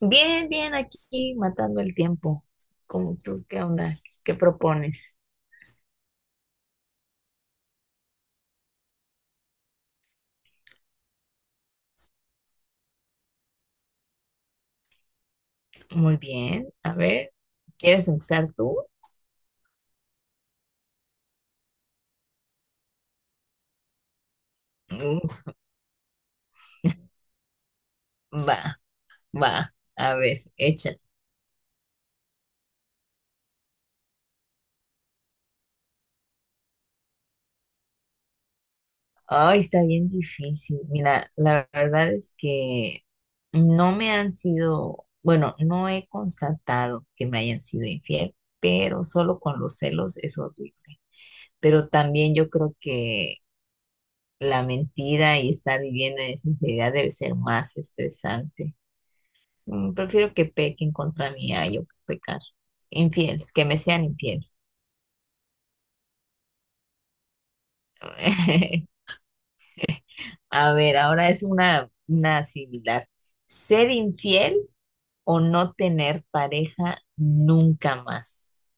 Bien, bien, aquí matando el tiempo. ¿Cómo tú qué onda? ¿Qué propones? Muy bien, a ver, ¿quieres empezar tú? Mm, va, va, a ver, échale. Ay, está bien difícil. Mira, la verdad es que no me han sido, bueno, no he constatado que me hayan sido infiel, pero solo con los celos es horrible. Pero también yo creo que la mentira y estar viviendo en esa infidelidad debe ser más estresante. Prefiero que pequen contra mí a yo pecar. Infieles, que me sean infieles. A ver, ahora es una similar. ¿Ser infiel o no tener pareja nunca más?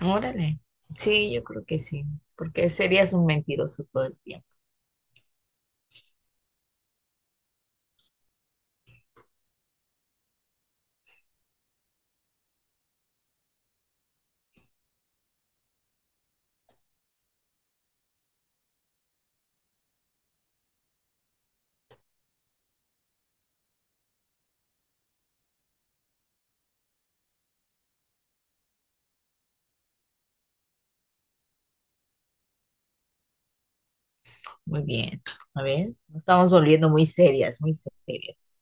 Órale. Sí, yo creo que sí, porque serías un mentiroso todo el tiempo. Muy bien. A ver, nos estamos volviendo muy serias, muy serias.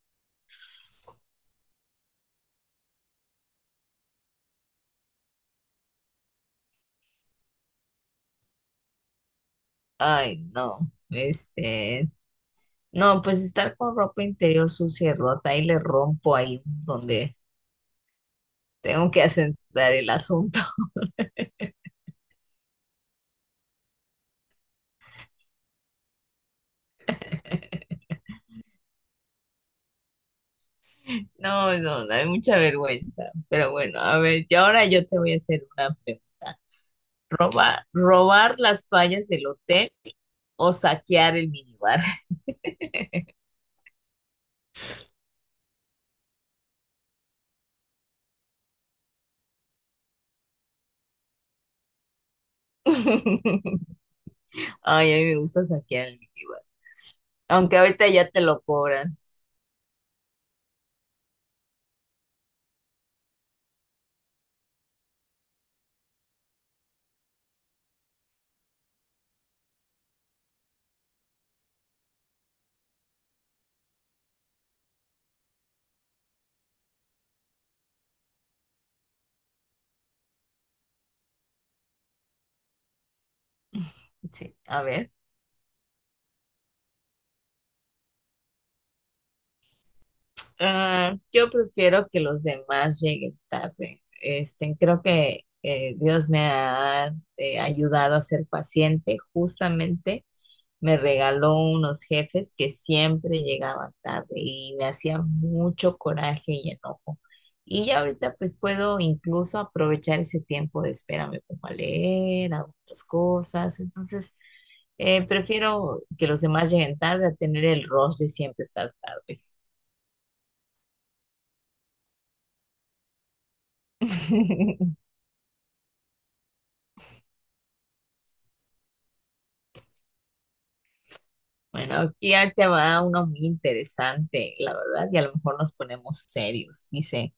Ay, no. Este, No, pues estar con ropa interior sucia y rota, y le rompo ahí donde tengo que asentar el asunto. No, no, no, hay mucha vergüenza. Pero bueno, a ver, y ahora yo te voy a hacer una pregunta. ¿Robar las toallas del hotel o saquear el minibar? Ay, a mí me gusta saquear el minibar. Aunque ahorita ya te lo cobran. Sí, a ver. Ah, yo prefiero que los demás lleguen tarde. Este, creo que Dios me ha ayudado a ser paciente. Justamente me regaló unos jefes que siempre llegaban tarde y me hacían mucho coraje y enojo. Y ya ahorita pues puedo incluso aprovechar ese tiempo de espera, me pongo a leer, hago otras cosas. Entonces, prefiero que los demás lleguen tarde a tener el rush de siempre estar tarde. Bueno, aquí ya te va uno muy interesante, la verdad, y a lo mejor nos ponemos serios. Dice,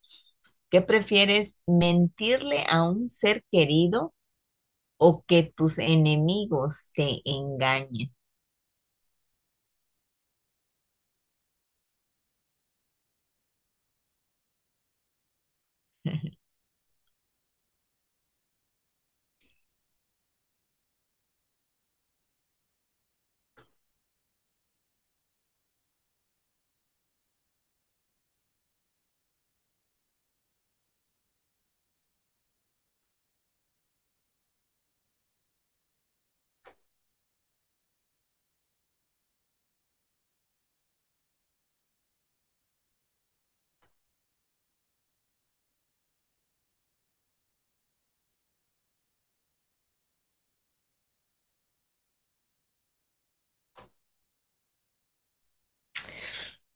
¿qué prefieres, mentirle a un ser querido o que tus enemigos te engañen?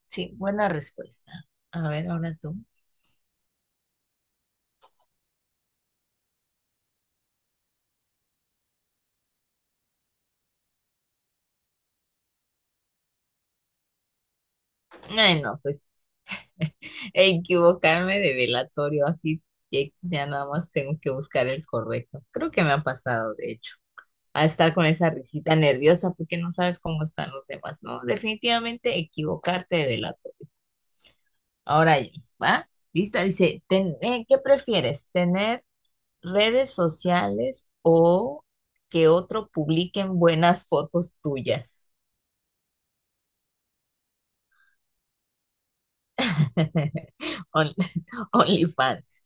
Sí, buena respuesta. A ver, ahora tú. Ay, no, pues equivocarme de velatorio, así que ya nada más tengo que buscar el correcto. Creo que me ha pasado, de hecho, a estar con esa risita nerviosa porque no sabes cómo están los demás, ¿no? Definitivamente equivocarte de delator. Ahora yo, ¿va? Lista, dice, ¿qué prefieres? ¿Tener redes sociales o que otro publiquen buenas fotos tuyas? On- OnlyFans.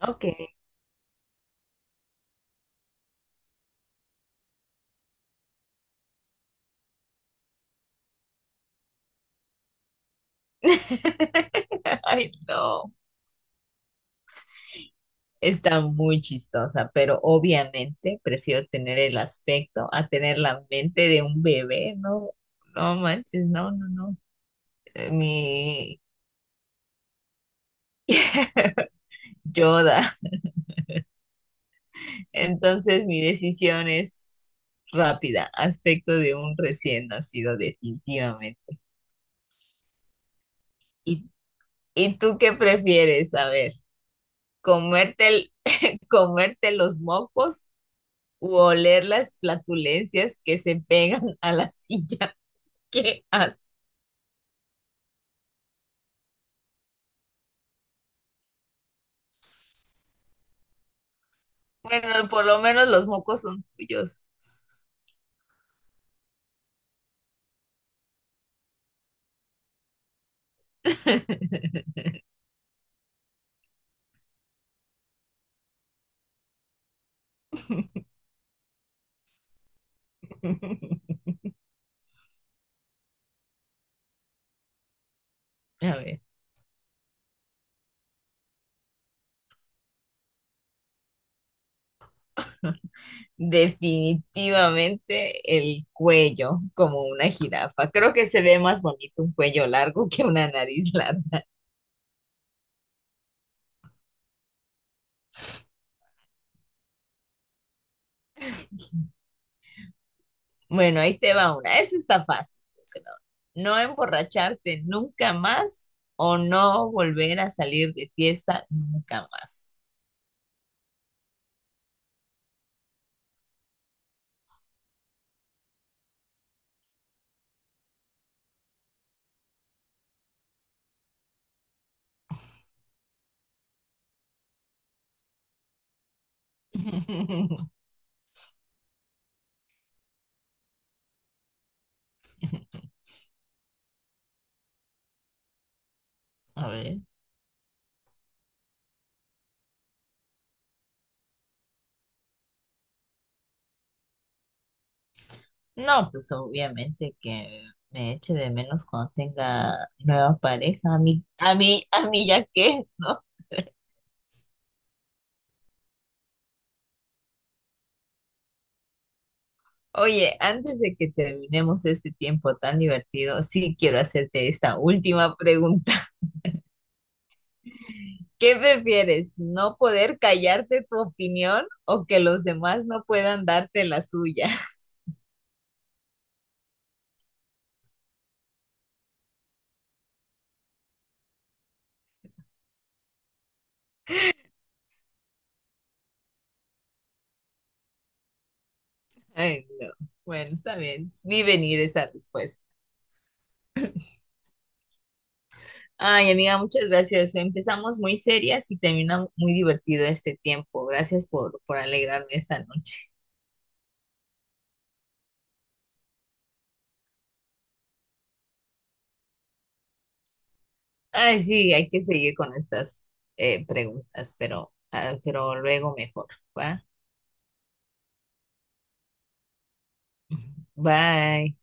Ok. Ay, no. Está muy chistosa, pero obviamente prefiero tener el aspecto a tener la mente de un bebé, no, no manches, no, no, no, mi Yoda. Entonces mi decisión es rápida, aspecto de un recién nacido definitivamente. ¿Y, y tú qué prefieres? A ver, comerte el- comerte los mocos u oler las flatulencias que se pegan a la silla. ¿Qué Bueno, por lo menos los mocos son tuyos. A ver, definitivamente el cuello, como una jirafa. Creo que se ve más bonito un cuello largo que una nariz larga. Bueno, ahí te va una. Esa está fácil, yo creo. No emborracharte nunca más o no volver a salir de fiesta nunca más. A ver. No, pues obviamente que me eche de menos cuando tenga nueva pareja. A mí, a mí, a mí ya qué, ¿no? Oye, antes de que terminemos este tiempo tan divertido, sí quiero hacerte esta última pregunta. ¿Qué prefieres? ¿No poder callarte tu opinión o que los demás no puedan darte la suya? Ay, no. Bueno, está bien. Vi venir esa respuesta. Ay, amiga, muchas gracias. Empezamos muy serias y termina muy divertido este tiempo. Gracias por alegrarme esta noche. Ay, sí, hay que seguir con estas preguntas, pero, ah, pero luego mejor. ¿Va? Bye.